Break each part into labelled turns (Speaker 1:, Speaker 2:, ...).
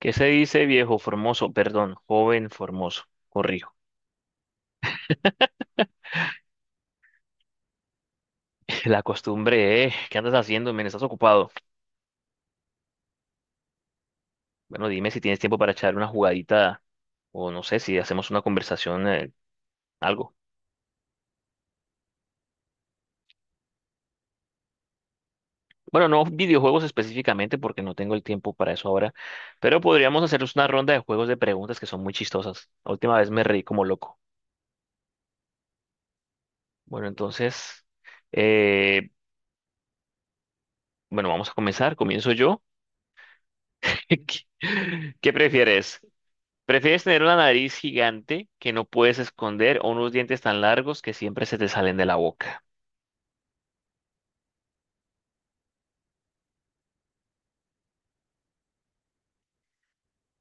Speaker 1: ¿Qué se dice, viejo formoso? Perdón, joven formoso. Corrijo. La costumbre, ¿eh? ¿Qué andas haciendo, men? ¿Estás ocupado? Bueno, dime si tienes tiempo para echar una jugadita o no sé si hacemos una conversación, algo. Bueno, no videojuegos específicamente porque no tengo el tiempo para eso ahora, pero podríamos hacernos una ronda de juegos de preguntas que son muy chistosas. La última vez me reí como loco. Bueno, entonces, eh, bueno, vamos a comenzar. Comienzo yo. ¿Qué qué prefieres? ¿Prefieres tener una nariz gigante que no puedes esconder o unos dientes tan largos que siempre se te salen de la boca?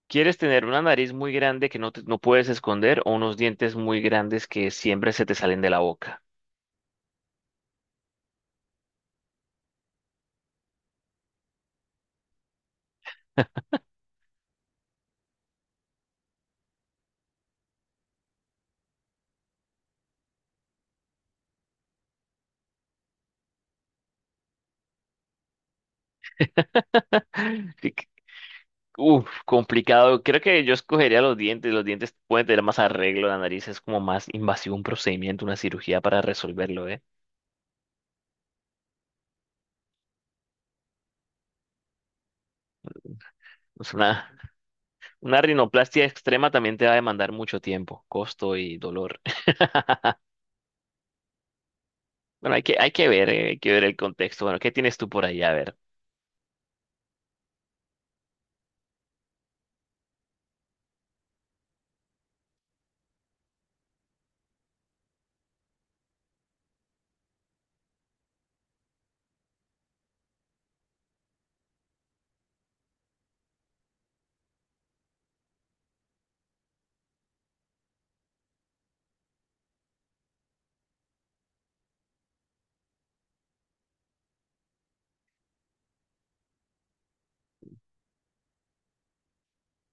Speaker 1: ¿Quieres tener una nariz muy grande que no, no puedes esconder o unos dientes muy grandes que siempre se te salen de la boca? Sí que- Uf, complicado. Creo que yo escogería los dientes. Los dientes pueden tener más arreglo. La nariz es como más invasivo un procedimiento, una cirugía para resolverlo, ¿eh? O sea, una rinoplastia extrema también te va a demandar mucho tiempo, costo y dolor. Bueno, hay que ver el contexto. Bueno, ¿qué tienes tú por ahí? A ver.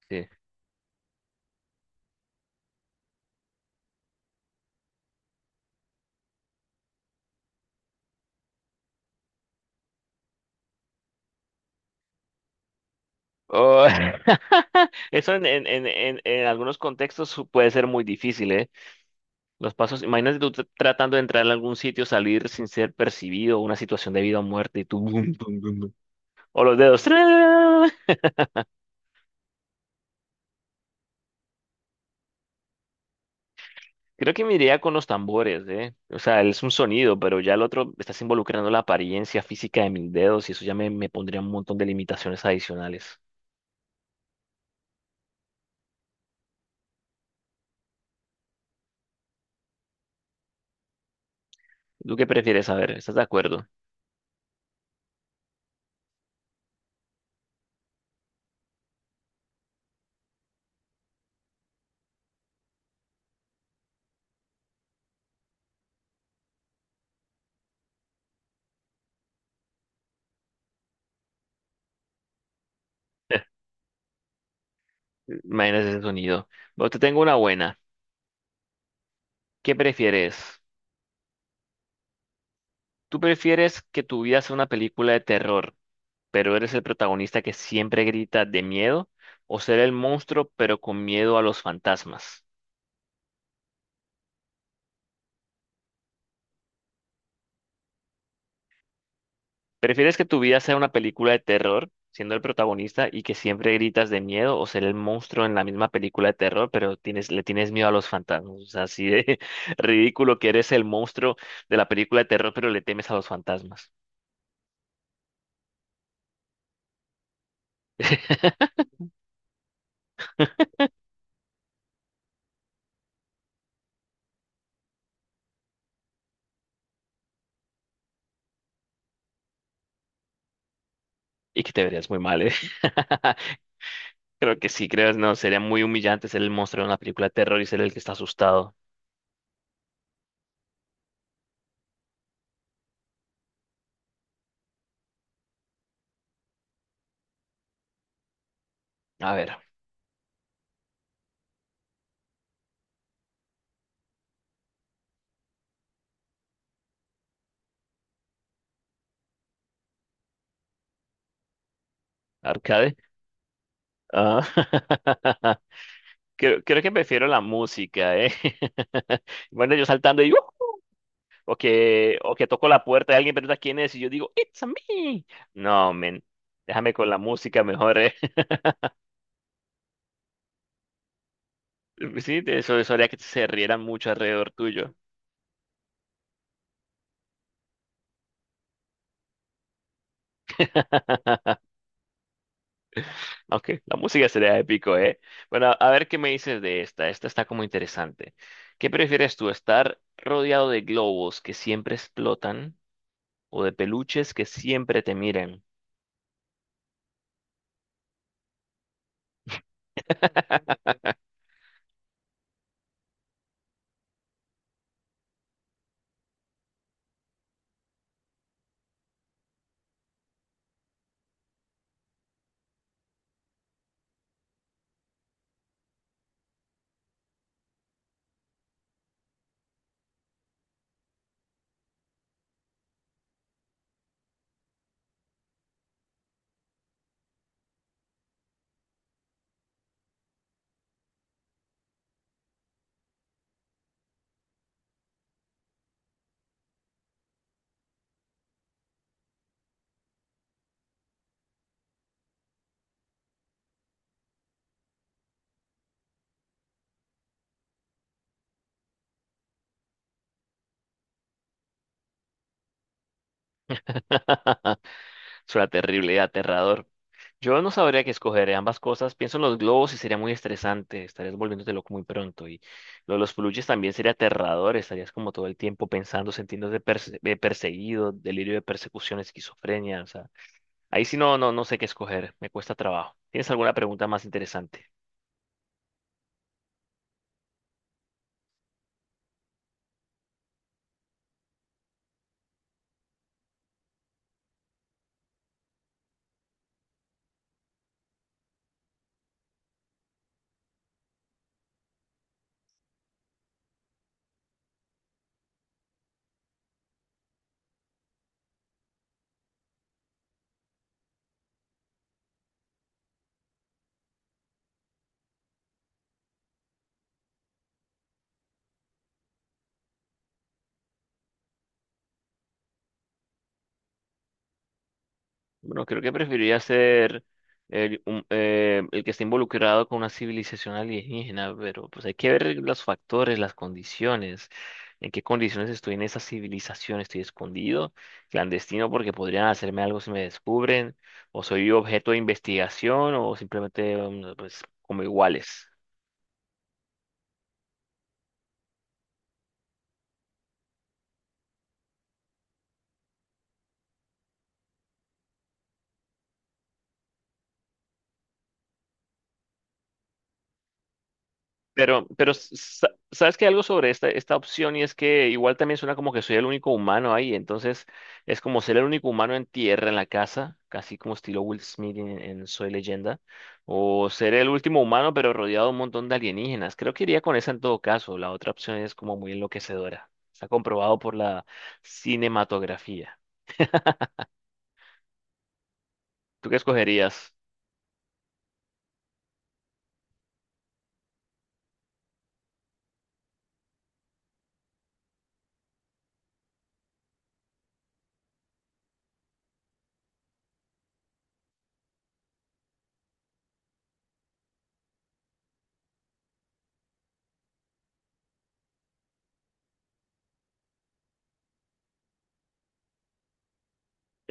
Speaker 1: Sí. Oh, eso en algunos contextos puede ser muy difícil, ¿eh? Los pasos, imagínate tú tratando de entrar en algún sitio, salir sin ser percibido, una situación de vida o muerte, y tú bum, bum, bum, bum. O los dedos. ¡Tra! Creo que me iría con los tambores, ¿eh? O sea, es un sonido, pero ya el otro, estás involucrando la apariencia física de mis dedos y eso ya me pondría un montón de limitaciones adicionales. ¿Tú qué prefieres saber? ¿Estás de acuerdo? Imagínate ese sonido. Bueno, te tengo una buena. ¿Qué prefieres? ¿Tú prefieres que tu vida sea una película de terror, pero eres el protagonista que siempre grita de miedo? ¿O ser el monstruo, pero con miedo a los fantasmas? ¿Prefieres que tu vida sea una película de terror, siendo el protagonista y que siempre gritas de miedo? ¿O ser el monstruo en la misma película de terror, pero le tienes miedo a los fantasmas? O sea, así de ridículo que eres el monstruo de la película de terror, pero le temes a los fantasmas. Y que te verías muy mal, ¿eh? Creo que sí, no, sería muy humillante ser el monstruo de una película de terror y ser el que está asustado. A ver, arcade. Ah, creo que prefiero la música, ¿eh? Bueno, yo saltando y ¡uh! O que toco la puerta y alguien pregunta quién es y yo digo, ¡It's a me! No, men, déjame con la música mejor, ¿eh? Sí, eso haría que se rieran mucho alrededor tuyo. Aunque la música sería épico, ¿eh? Bueno, a ver qué me dices de esta. Esta está como interesante. ¿Qué prefieres tú, estar rodeado de globos que siempre explotan o de peluches que siempre te miren? Suena terrible y aterrador. Yo no sabría qué escoger, ambas cosas. Pienso en los globos y sería muy estresante. Estarías volviéndote loco muy pronto. Y lo de los peluches también sería aterrador. Estarías como todo el tiempo pensando, sintiéndote perseguido, delirio de persecución, esquizofrenia. Ahí sí no, no, no sé qué escoger, me cuesta trabajo. ¿Tienes alguna pregunta más interesante? Bueno, creo que preferiría ser el que esté involucrado con una civilización alienígena, pero pues hay que ver los factores, las condiciones, en qué condiciones estoy en esa civilización, estoy escondido, clandestino porque podrían hacerme algo si me descubren, o soy objeto de investigación, o simplemente mm, pues como iguales. Pero sabes que algo sobre esta, esta opción y es que igual también suena como que soy el único humano ahí, entonces es como ser el único humano en tierra, en la casa, casi como estilo Will Smith en Soy Leyenda, o ser el último humano pero rodeado de un montón de alienígenas. Creo que iría con esa en todo caso, la otra opción es como muy enloquecedora, está comprobado por la cinematografía. ¿Tú qué escogerías?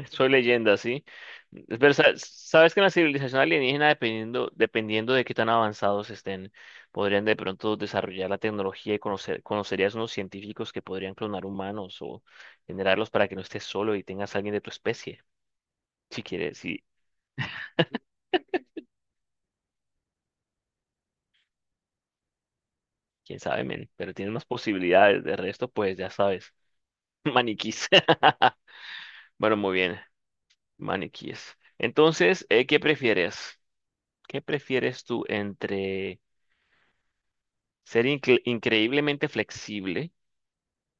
Speaker 1: Soy leyenda, ¿sí? Pero sabes que en la civilización alienígena, dependiendo, dependiendo de qué tan avanzados estén, podrían de pronto desarrollar la tecnología y conocerías unos científicos que podrían clonar humanos o generarlos para que no estés solo y tengas a alguien de tu especie, si quieres, sí, quién sabe, men, pero tienes más posibilidades. De resto, pues ya sabes, maniquís. Bueno, muy bien, maniquíes. Entonces, ¿qué prefieres? ¿Qué prefieres tú entre ser increíblemente flexible,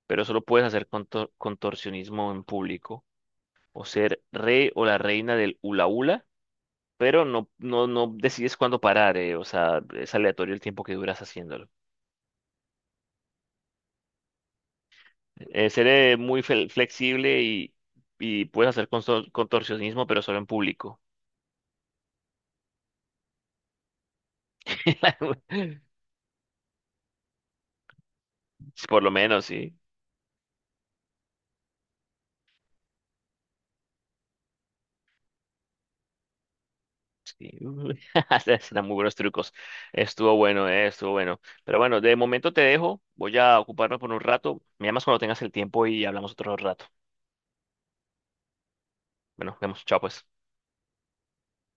Speaker 1: pero solo puedes hacer contorsionismo en público? ¿O ser rey o la reina del hula hula, pero no decides cuándo parar? O sea, es aleatorio el tiempo que duras haciéndolo. Ser muy flexible y puedes hacer contorsionismo, pero solo en público. Por lo menos, sí. Sí, uy, se dan muy buenos trucos. Estuvo bueno, estuvo bueno. Pero bueno, de momento te dejo. Voy a ocuparme por un rato. Me llamas cuando tengas el tiempo y hablamos otro rato. Bueno, vemos. Chao, pues.